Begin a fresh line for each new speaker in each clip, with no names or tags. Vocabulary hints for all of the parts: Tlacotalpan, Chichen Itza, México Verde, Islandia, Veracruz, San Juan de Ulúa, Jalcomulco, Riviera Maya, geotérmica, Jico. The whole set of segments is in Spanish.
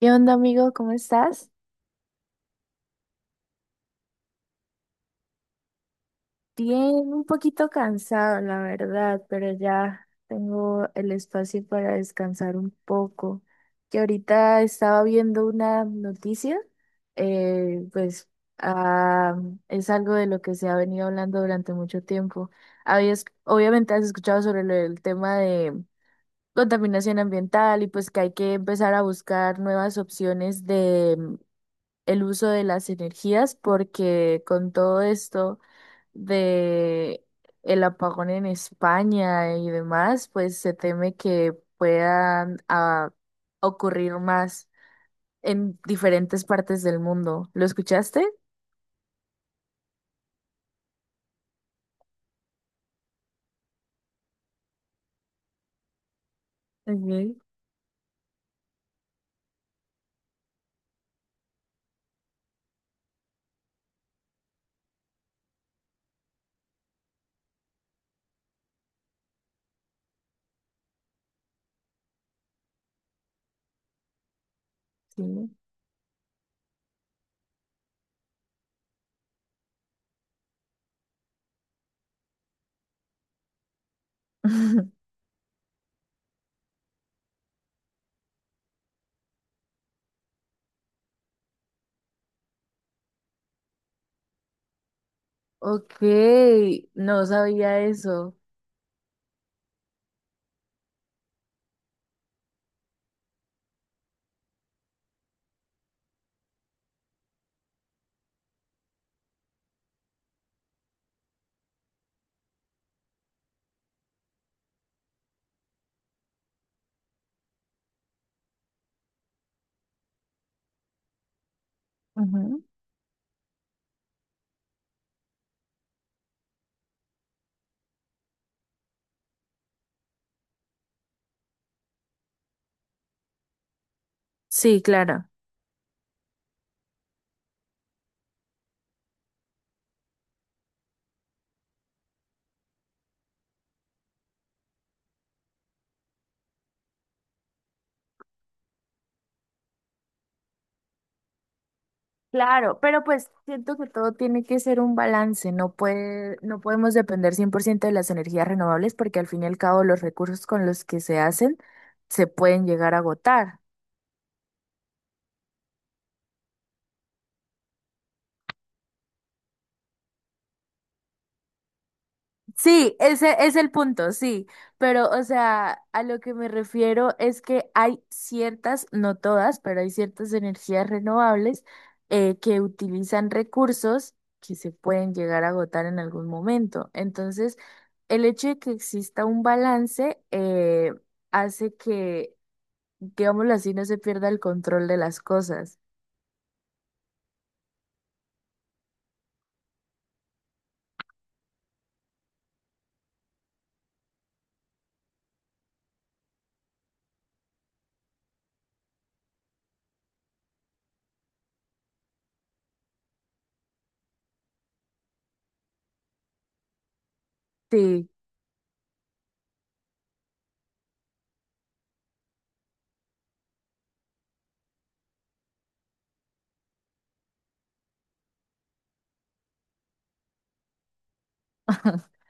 ¿Qué onda, amigo? ¿Cómo estás? Bien, un poquito cansado, la verdad, pero ya tengo el espacio para descansar un poco. Que ahorita estaba viendo una noticia, pues ah, es algo de lo que se ha venido hablando durante mucho tiempo. Habías, obviamente has escuchado sobre lo del tema de contaminación ambiental y pues que hay que empezar a buscar nuevas opciones de el uso de las energías porque con todo esto de el apagón en España y demás, pues se teme que puedan ocurrir más en diferentes partes del mundo. ¿Lo escuchaste? Ok, sí. Ok, no sabía eso. Ujú. Sí, claro. Claro, pero pues siento que todo tiene que ser un balance, no puede, no podemos depender 100% de las energías renovables porque al fin y al cabo los recursos con los que se hacen se pueden llegar a agotar. Sí, ese es el punto, sí, pero o sea, a lo que me refiero es que hay ciertas, no todas, pero hay ciertas energías renovables que utilizan recursos que se pueden llegar a agotar en algún momento. Entonces, el hecho de que exista un balance hace que, digámoslo así, no se pierda el control de las cosas. Sí.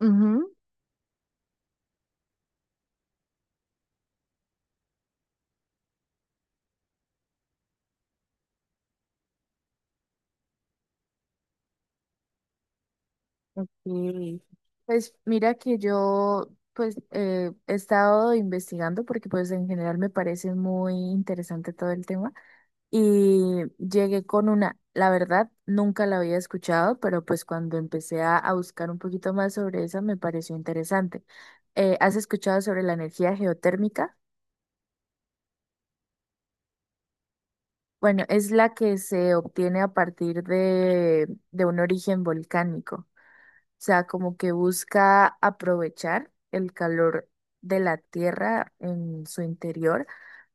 Ujú. Ok. Pues mira que yo pues he estado investigando porque pues en general me parece muy interesante todo el tema y llegué con una, la verdad nunca la había escuchado, pero pues cuando empecé a buscar un poquito más sobre esa me pareció interesante. ¿has escuchado sobre la energía geotérmica? Bueno, es la que se obtiene a partir de un origen volcánico. Sea, como que busca aprovechar el calor de la tierra en su interior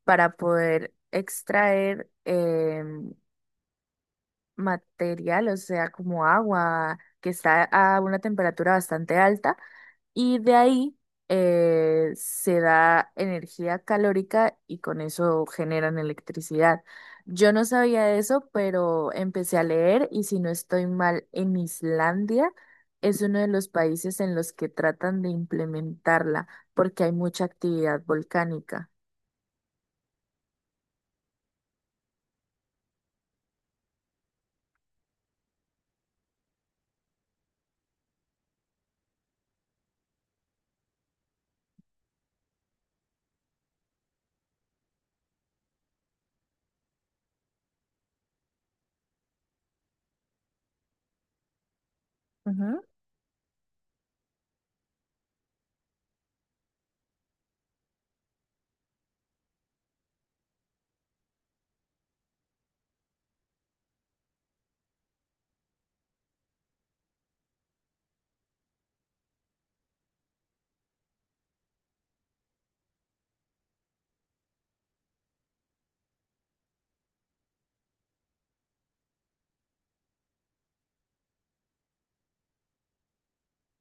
para poder extraer material, o sea, como agua que está a una temperatura bastante alta y de ahí se da energía calórica y con eso generan electricidad. Yo no sabía eso, pero empecé a leer y si no estoy mal, en Islandia es uno de los países en los que tratan de implementarla porque hay mucha actividad volcánica. Ujú.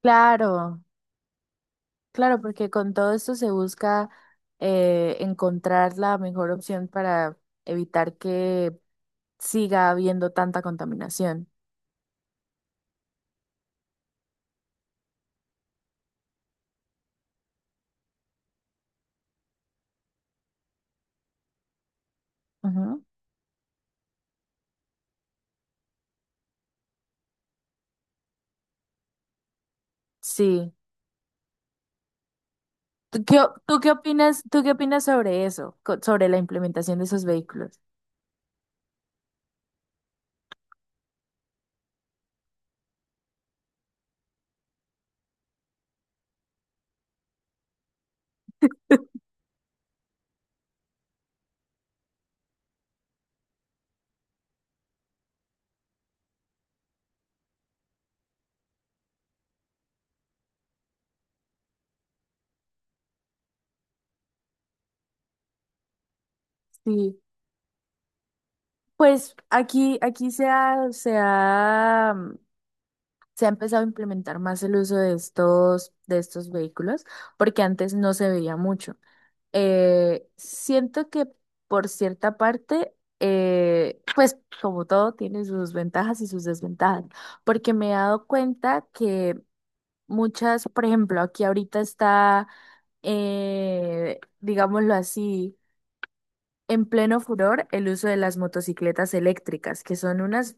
Claro, claro, porque con todo esto se busca encontrar la mejor opción para evitar que siga habiendo tanta contaminación. Ujú, sí. ¿Tú qué, tú qué opinas sobre eso, sobre la implementación de esos vehículos? Sí, pues aquí, aquí se ha empezado a implementar más el uso de estos vehículos, porque antes no se veía mucho. Siento que por cierta parte, pues como todo, tiene sus ventajas y sus desventajas, porque me he dado cuenta que muchas, por ejemplo, aquí ahorita está digámoslo así, en pleno furor el uso de las motocicletas eléctricas, que son unas,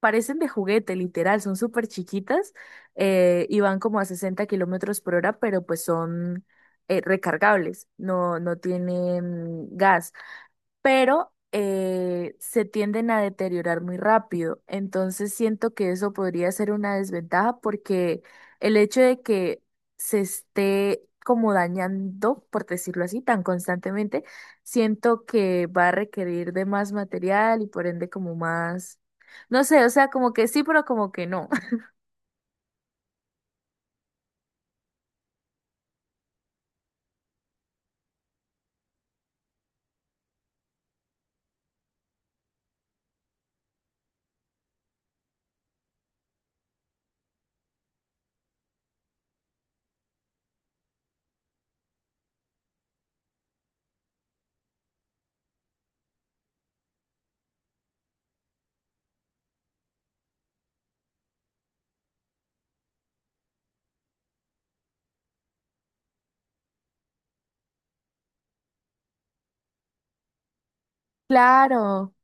parecen de juguete, literal, son súper chiquitas y van como a 60 kilómetros por hora, pero pues son recargables, no, no tienen gas pero se tienden a deteriorar muy rápido. Entonces siento que eso podría ser una desventaja porque el hecho de que se esté como dañando, por decirlo así, tan constantemente, siento que va a requerir de más material y por ende como más, no sé, o sea, como que sí, pero como que no. Claro.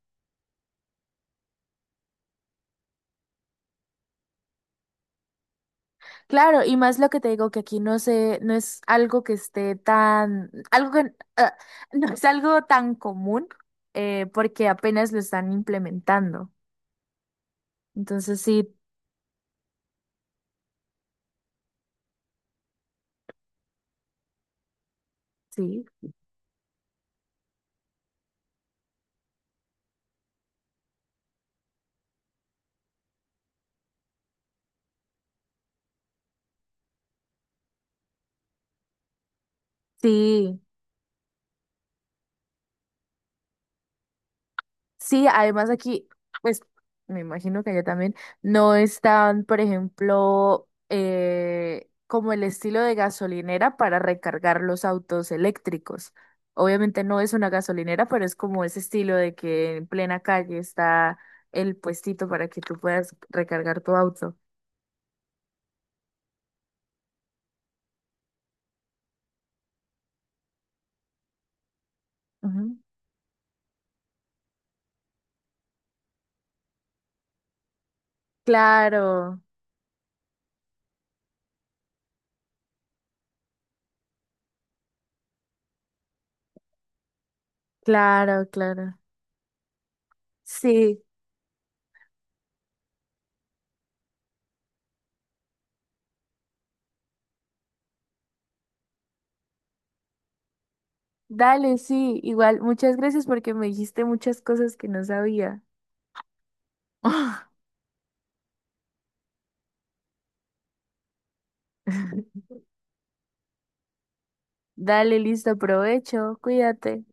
Claro, y más lo que te digo que aquí no sé, no es algo que esté tan, algo que no es algo tan común, porque apenas lo están implementando. Entonces sí, sí, sí. Sí, además aquí, pues me imagino que allá también no están, por ejemplo, como el estilo de gasolinera para recargar los autos eléctricos. Obviamente no es una gasolinera, pero es como ese estilo de que en plena calle está el puestito para que tú puedas recargar tu auto. Ujú. Claro, claro, claro. Sí, dale, sí, igual, muchas gracias porque me dijiste muchas cosas que no sabía. Dale, listo, provecho, cuídate.